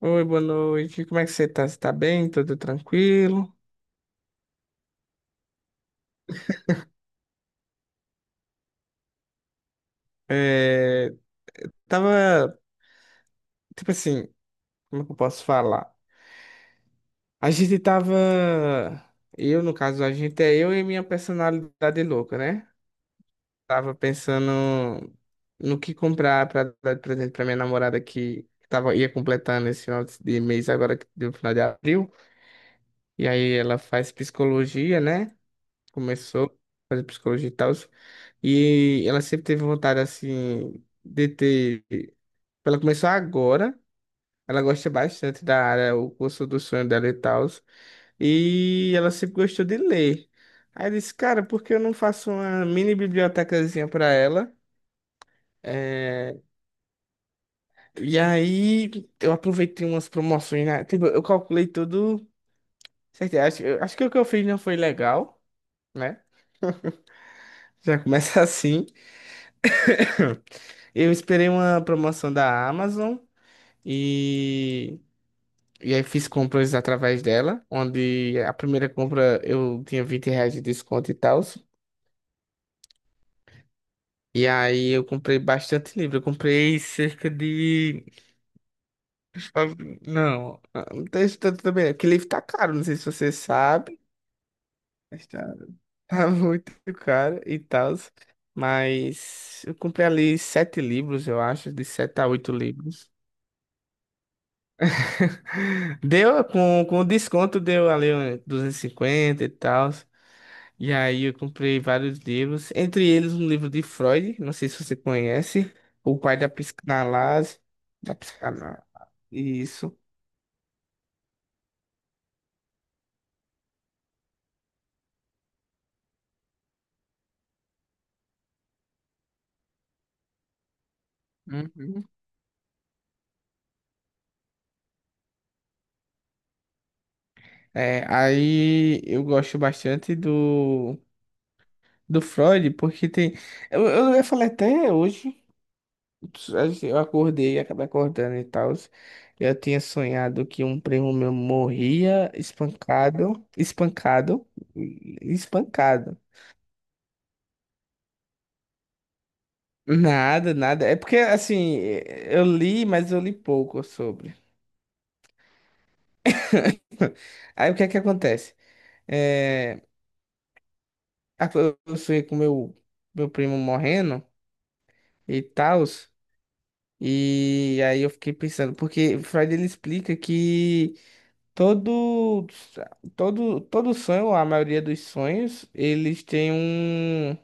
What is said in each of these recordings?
Oi, boa noite. Como é que você tá? Você tá bem? Tá tudo tranquilo? É, tava, tipo assim, como é que eu posso falar? A gente tava, eu no caso, a gente é eu e minha personalidade louca, né? Tava pensando no que comprar pra dar de presente pra minha namorada que tava, ia completando esse final de mês agora, que deu final de abril. E aí ela faz psicologia, né? Começou a fazer psicologia e tal. E ela sempre teve vontade, assim, de ter. Ela começou agora, ela gosta bastante da área, o curso do sonho dela e tal. E ela sempre gostou de ler. Aí eu disse, cara, por que eu não faço uma mini bibliotecazinha pra ela? É, e aí eu aproveitei umas promoções, né? Tipo, eu calculei tudo certinho. Acho, acho que o que eu fiz não foi legal, né? Já começa assim. Eu esperei uma promoção da Amazon e, e aí fiz compras através dela, onde a primeira compra eu tinha R$ 20 de desconto e tal. E aí eu comprei bastante livro. Eu comprei cerca de. Não, não tem isso tanto também, não, porque livro tá caro, não sei se você sabe. Mas tá, tá muito caro e tal. Mas eu comprei ali sete livros, eu acho, de sete a oito livros. Deu com desconto, deu ali uns 250 e cinquenta e tal. E aí eu comprei vários livros, entre eles um livro de Freud, não sei se você conhece, O Pai da psicanálise, isso. Uhum. É, aí eu gosto bastante do Freud, porque tem. Eu ia falar até hoje. Eu acordei e acabei acordando e tal. Eu tinha sonhado que um primo meu morria espancado, espancado, espancado. Nada, nada. É porque, assim, eu li, mas eu li pouco sobre. Aí o que é que acontece? É, a- eu sonhei com meu primo morrendo e tal. E aí eu fiquei pensando, porque Freud ele explica que. Todo, todo sonho, a maioria dos sonhos, eles têm um.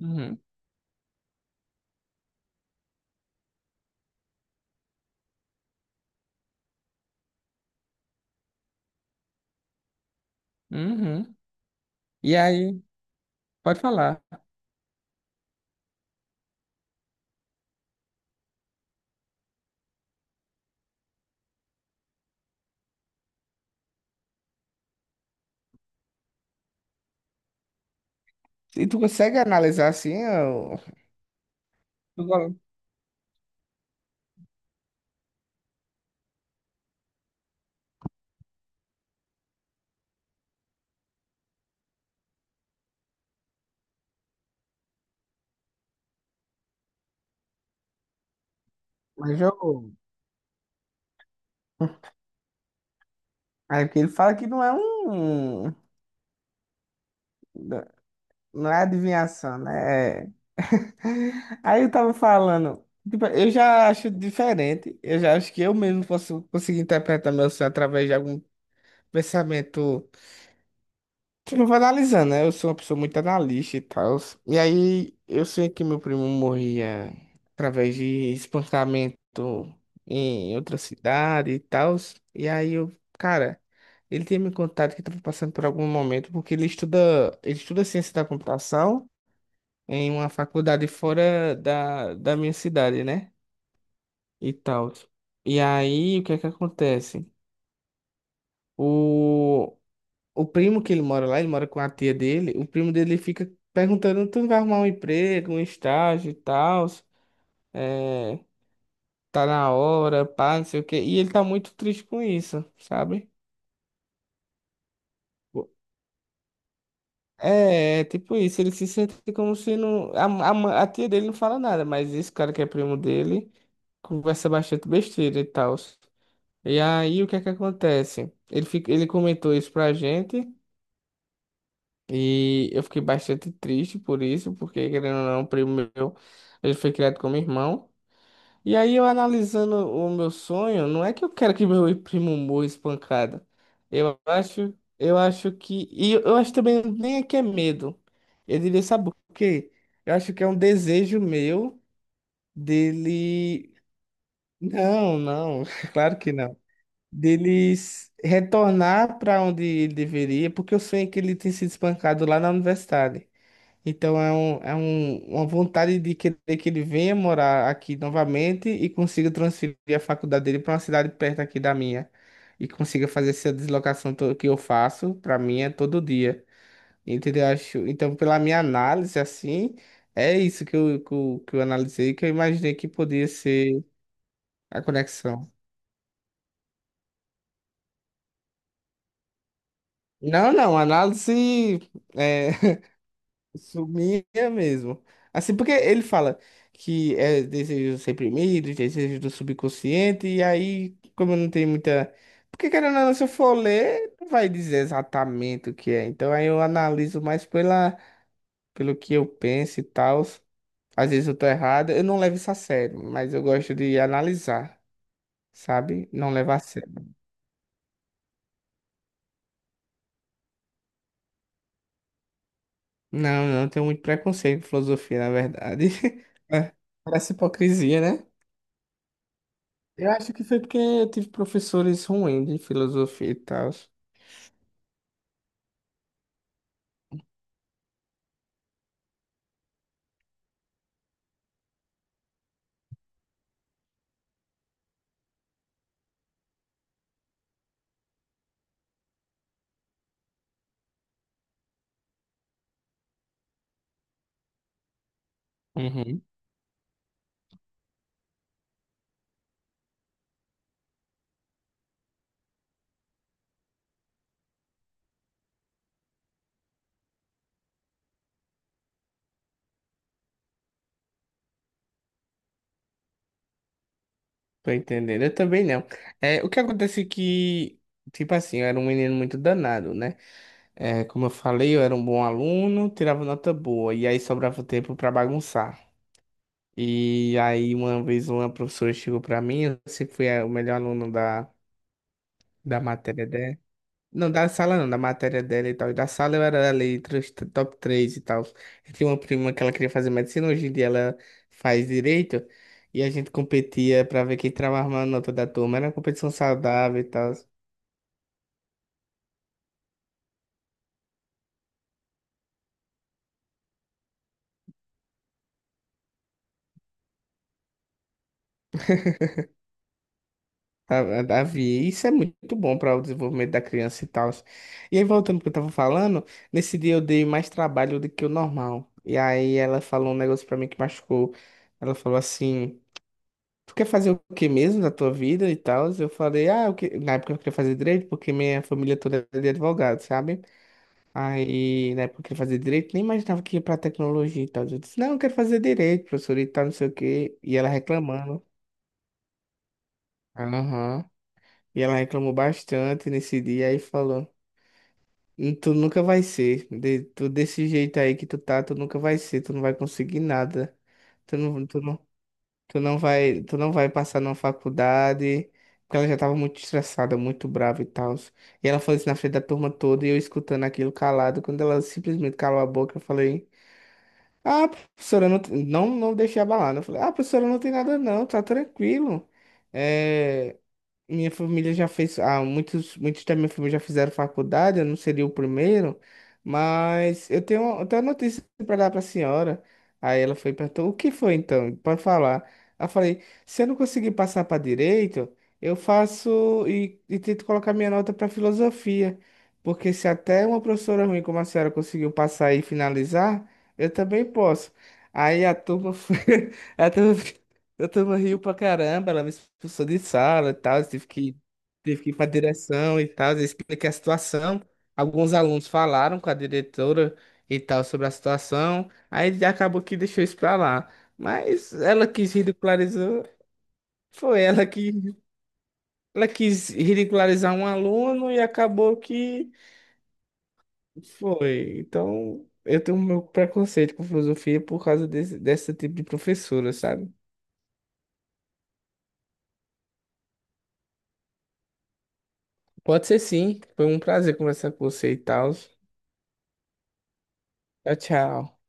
Uhum, uhum. E aí, pode falar. E tu consegue analisar assim, ó, tu go- mas eu, aí porque ele fala que não é um, não é adivinhação, né? É- Aí eu tava falando, tipo, eu já acho diferente, eu já acho que eu mesmo posso conseguir interpretar meu sonho através de algum pensamento. Eu vou analisando, né? Eu sou uma pessoa muito analista e tal. E aí, eu sei que meu primo morria através de espancamento em outra cidade e tal. E aí, eu, cara, ele tinha me contado que estava passando por algum momento, porque ele estuda ciência da computação em uma faculdade fora da minha cidade, né? E tal. E aí, o que é que acontece? O primo que ele mora lá, ele mora com a tia dele. O primo dele fica perguntando: tu não vai arrumar um emprego, um estágio e tal? É, tá na hora, pá, não sei o quê. E ele tá muito triste com isso, sabe? É, é tipo isso. Ele se sente como se não. A tia dele não fala nada, mas esse cara que é primo dele conversa bastante besteira e tal. E aí, o que é que acontece? Ele comentou isso pra gente. E eu fiquei bastante triste por isso, porque querendo ou não, um primo meu, ele foi criado como irmão. E aí eu analisando o meu sonho, não é que eu quero que meu primo morra espancado. Eu acho que, e eu acho também nem é que é medo. Eu diria, sabe por quê? Eu acho que é um desejo meu dele, não, não, claro que não. Dele retornar para onde ele deveria, porque eu sonhei que ele tem sido espancado lá na universidade. Então é, uma vontade de querer que ele venha morar aqui novamente e consiga transferir a faculdade dele para uma cidade perto aqui da minha. E consiga fazer essa deslocação que eu faço, para mim é todo dia. Entendeu? Acho, então, pela minha análise, assim, é isso que eu analisei, que eu imaginei que podia ser a conexão. Não, não, análise. É, Sumia mesmo. Assim, porque ele fala que é desejos reprimidos, desejos do subconsciente, e aí, como não tem muita. Porque querendo ou não, se eu for ler, não vai dizer exatamente o que é. Então aí eu analiso mais pela, pelo que eu penso e tal. Às vezes eu tô errado, eu não levo isso a sério, mas eu gosto de analisar, sabe? Não levar a sério. Não, não, eu tenho muito preconceito com filosofia, na verdade. É, parece hipocrisia, né? Eu acho que foi porque eu tive professores ruins de filosofia e tal. Uhum. Tô entendendo. Eu também não. É, o que acontece é que, tipo assim, eu era um menino muito danado, né? É, como eu falei, eu era um bom aluno, tirava nota boa, e aí sobrava tempo pra bagunçar. E aí, uma vez, uma professora chegou pra mim, eu sempre fui o melhor aluno da, da matéria. Não, da sala não, da matéria dela e tal. E da sala eu era ali entre os top 3 e tal. Eu tinha uma prima que ela queria fazer medicina, hoje em dia ela faz direito. E a gente competia pra ver quem tirava a maior nota da turma. Era uma competição saudável e tal. Tá- Havia. Isso é muito bom para o desenvolvimento da criança e tal. E aí, voltando ao que eu tava falando, nesse dia eu dei mais trabalho do que o normal. E aí ela falou um negócio para mim que machucou. Ela falou assim. Tu quer fazer o que mesmo na tua vida e tal? Eu falei, ah, eu que... na época eu queria fazer direito, porque minha família toda é de advogado, sabe? Aí, na época eu queria fazer direito, nem imaginava que ia pra tecnologia e tal. Eu disse, não, eu quero fazer direito, professor e tal, não sei o quê. E ela reclamando. Aham. E ela reclamou bastante nesse dia, aí falou, tu nunca vai ser, de... tu desse jeito aí que tu tá, tu nunca vai ser, tu não vai conseguir nada. Tu não, tu não tu não vai passar numa faculdade, porque ela já tava muito estressada, muito brava e tal. E ela falou isso na frente da turma toda e eu escutando aquilo calado. Quando ela simplesmente calou a boca, eu falei: Ah, professora, não, não deixei abalar. Né? Eu falei: Ah, professora, não tem nada não, tá tranquilo. É, minha família já fez, muitos da minha família já fizeram faculdade, eu não seria o primeiro, mas eu tenho uma notícia para dar para a senhora. Aí ela foi e perguntou, o que foi então? Pode falar. Eu falei, se eu não conseguir passar para direito, eu faço e tento colocar minha nota para filosofia, porque se até uma professora ruim como a senhora conseguiu passar e finalizar, eu também posso. Aí a turma foi, a turma riu pra caramba, ela me expulsou de sala e tal, tive que ir pra direção e tal, eu expliquei a situação. Alguns alunos falaram com a diretora e tal sobre a situação, aí já acabou que deixou isso pra lá. Mas ela quis ridicularizar, foi ela que ela quis ridicularizar um aluno e acabou que foi. Então, eu tenho meu preconceito com filosofia por causa desse, desse tipo de professora, sabe? Pode ser sim, foi um prazer conversar com você e tal. Tchau, tchau.